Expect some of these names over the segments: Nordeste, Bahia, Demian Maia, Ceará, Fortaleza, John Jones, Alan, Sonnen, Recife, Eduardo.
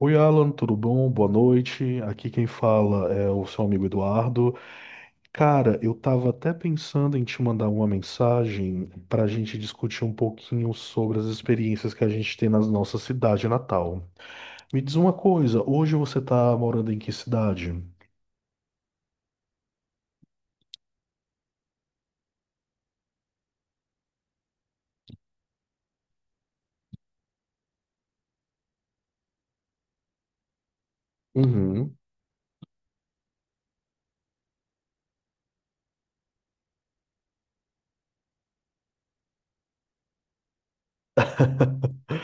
Oi, Alan, tudo bom? Boa noite. Aqui quem fala é o seu amigo Eduardo. Cara, eu tava até pensando em te mandar uma mensagem para a gente discutir um pouquinho sobre as experiências que a gente tem na nossa cidade natal. Me diz uma coisa, hoje você tá morando em que cidade? Uhum.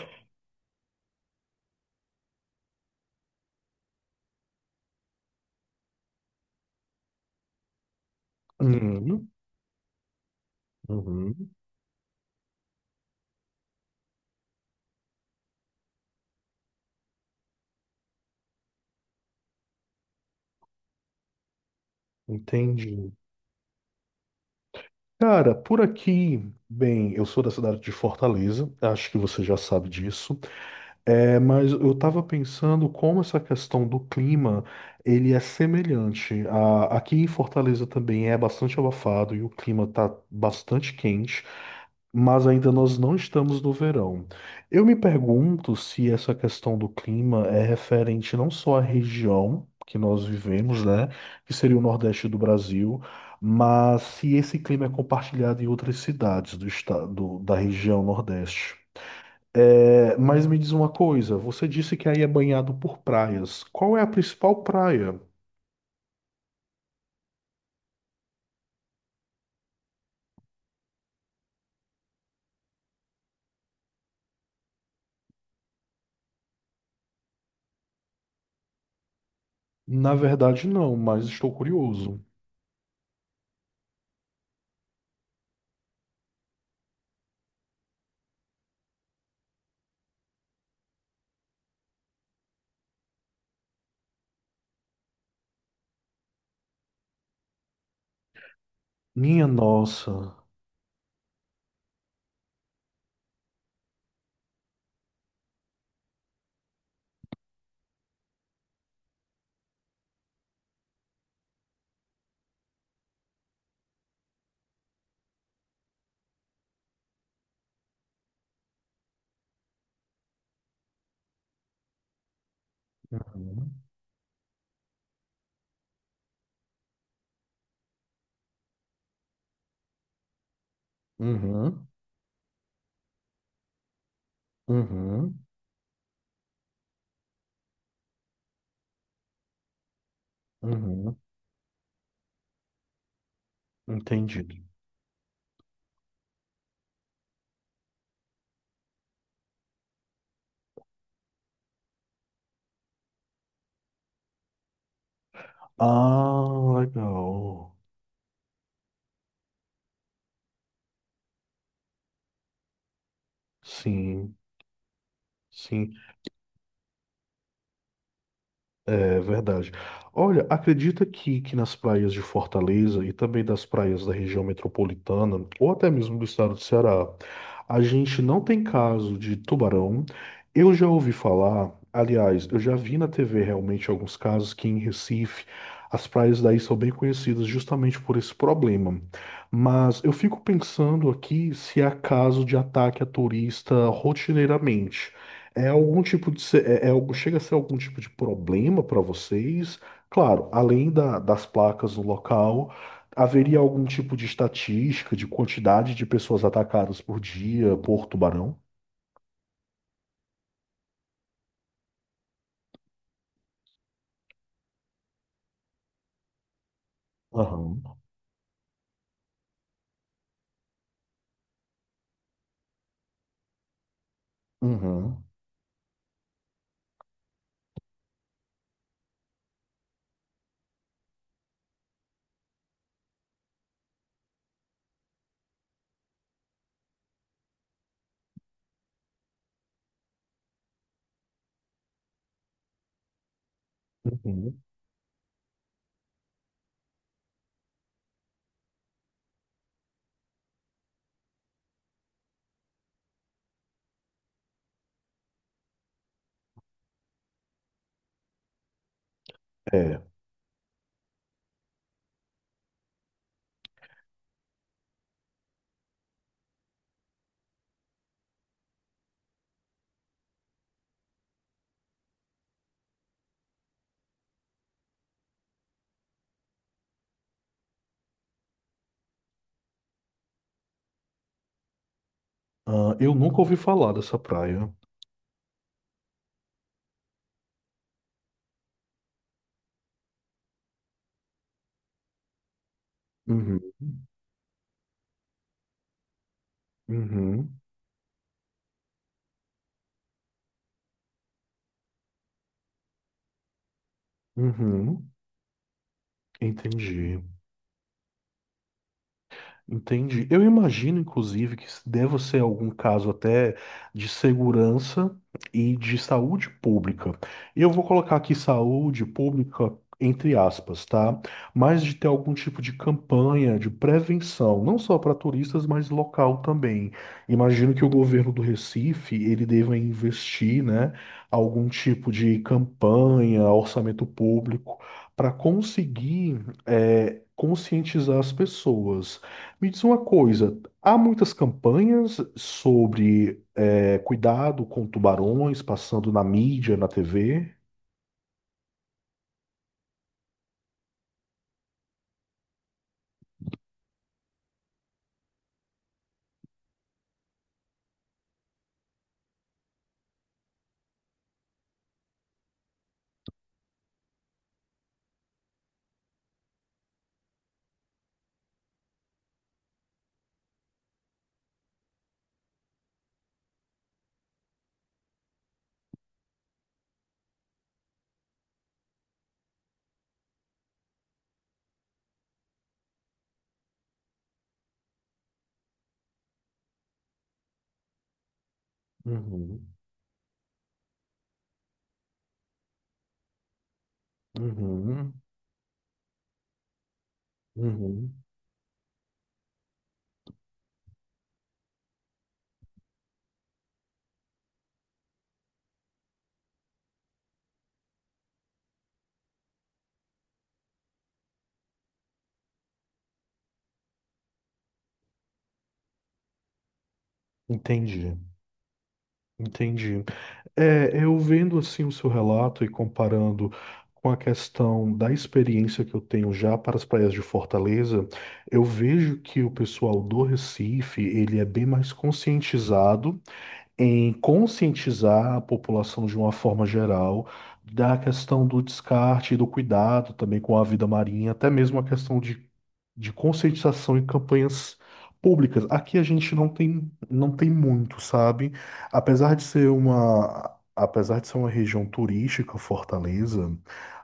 Uhum. Uhum. Entendi. Cara, por aqui, bem, eu sou da cidade de Fortaleza, acho que você já sabe disso. É, mas eu estava pensando como essa questão do clima, ele é semelhante. Aqui em Fortaleza também é bastante abafado e o clima está bastante quente, mas ainda nós não estamos no verão. Eu me pergunto se essa questão do clima é referente não só à região que nós vivemos, né, que seria o Nordeste do Brasil, mas se esse clima é compartilhado em outras cidades do estado, da região Nordeste. É, mas me diz uma coisa, você disse que aí é banhado por praias. Qual é a principal praia? Na verdade, não, mas estou curioso. Minha nossa. Uhum, uhum, uhum, uhum. Entendido. Ah, legal. Sim, sim. É verdade. Olha, acredita que nas praias de Fortaleza e também das praias da região metropolitana, ou até mesmo do estado do Ceará, a gente não tem caso de tubarão. Eu já ouvi falar, aliás, eu já vi na TV realmente alguns casos que em Recife as praias daí são bem conhecidas justamente por esse problema. Mas eu fico pensando aqui se há caso de ataque a turista rotineiramente. É algum tipo de é algo chega a ser algum tipo de problema para vocês? Claro, das placas no local, haveria algum tipo de estatística de quantidade de pessoas atacadas por dia por tubarão? Aham. Uhum. Uhum. É. Ah, eu nunca ouvi falar dessa praia. Uhum. Uhum. Uhum. Entendi. Entendi. Eu imagino, inclusive, que deva ser algum caso até de segurança e de saúde pública. E eu vou colocar aqui saúde pública entre aspas, tá? Mas de ter algum tipo de campanha de prevenção, não só para turistas, mas local também. Imagino que o governo do Recife, ele deva investir, né, algum tipo de campanha, orçamento público, para conseguir, conscientizar as pessoas. Me diz uma coisa, há muitas campanhas sobre cuidado com tubarões passando na mídia, na TV? Uhum, uhum, uhum. Entendi, entendi. É, eu vendo assim o seu relato e comparando com a questão da experiência que eu tenho já para as praias de Fortaleza, eu vejo que o pessoal do Recife, ele é bem mais conscientizado em conscientizar a população de uma forma geral da questão do descarte e do cuidado também com a vida marinha, até mesmo a questão de conscientização em campanhas públicas. Aqui a gente não tem muito, sabe? Apesar de ser uma região turística, Fortaleza,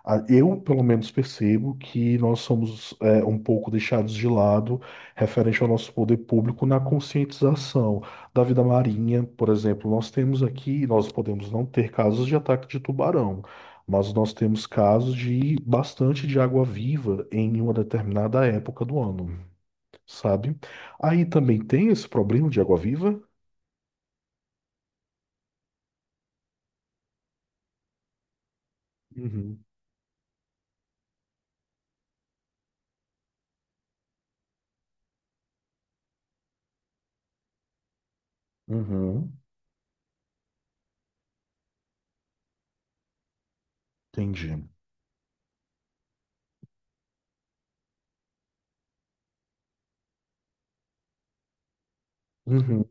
eu pelo menos percebo que nós somos é, um pouco deixados de lado referente ao nosso poder público na conscientização da vida marinha, por exemplo, nós temos aqui, nós podemos não ter casos de ataque de tubarão, mas nós temos casos de bastante de água-viva em uma determinada época do ano, sabe? Aí também tem esse problema de água-viva? Uhum, uhum, entendi. Uhum.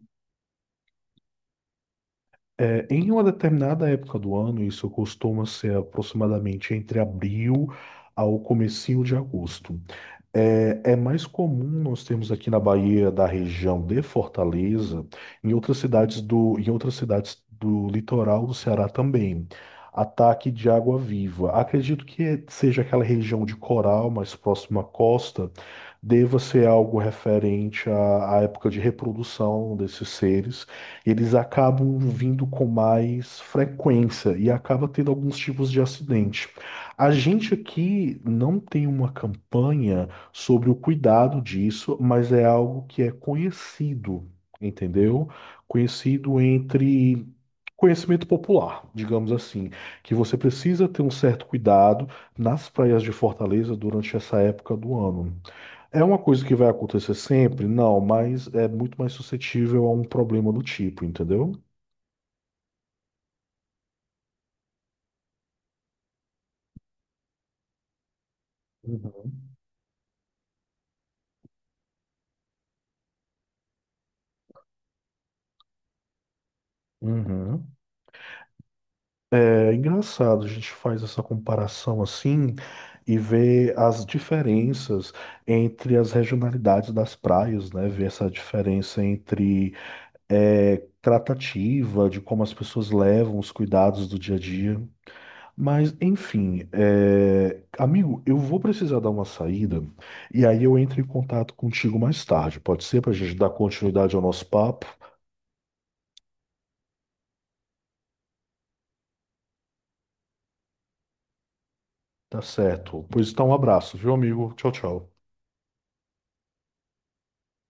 É, em uma determinada época do ano, isso costuma ser aproximadamente entre abril ao comecinho de agosto. É, é mais comum nós termos aqui na Bahia, da região de Fortaleza, em outras cidades do litoral do Ceará também, ataque de água viva. Acredito que seja aquela região de coral mais próxima à costa, deva ser algo referente à época de reprodução desses seres. Eles acabam vindo com mais frequência e acaba tendo alguns tipos de acidente. A gente aqui não tem uma campanha sobre o cuidado disso, mas é algo que é conhecido, entendeu? Conhecido entre conhecimento popular, digamos assim, que você precisa ter um certo cuidado nas praias de Fortaleza durante essa época do ano. É uma coisa que vai acontecer sempre? Não, mas é muito mais suscetível a um problema do tipo, entendeu? Uhum. Uhum. É engraçado, a gente faz essa comparação assim e vê as diferenças entre as regionalidades das praias, né? Ver essa diferença entre é, tratativa, de como as pessoas levam os cuidados do dia a dia. Mas, enfim, é, amigo, eu vou precisar dar uma saída e aí eu entro em contato contigo mais tarde, pode ser? Para a gente dar continuidade ao nosso papo? Tá certo. Pois então, um abraço, viu, amigo? Tchau, tchau.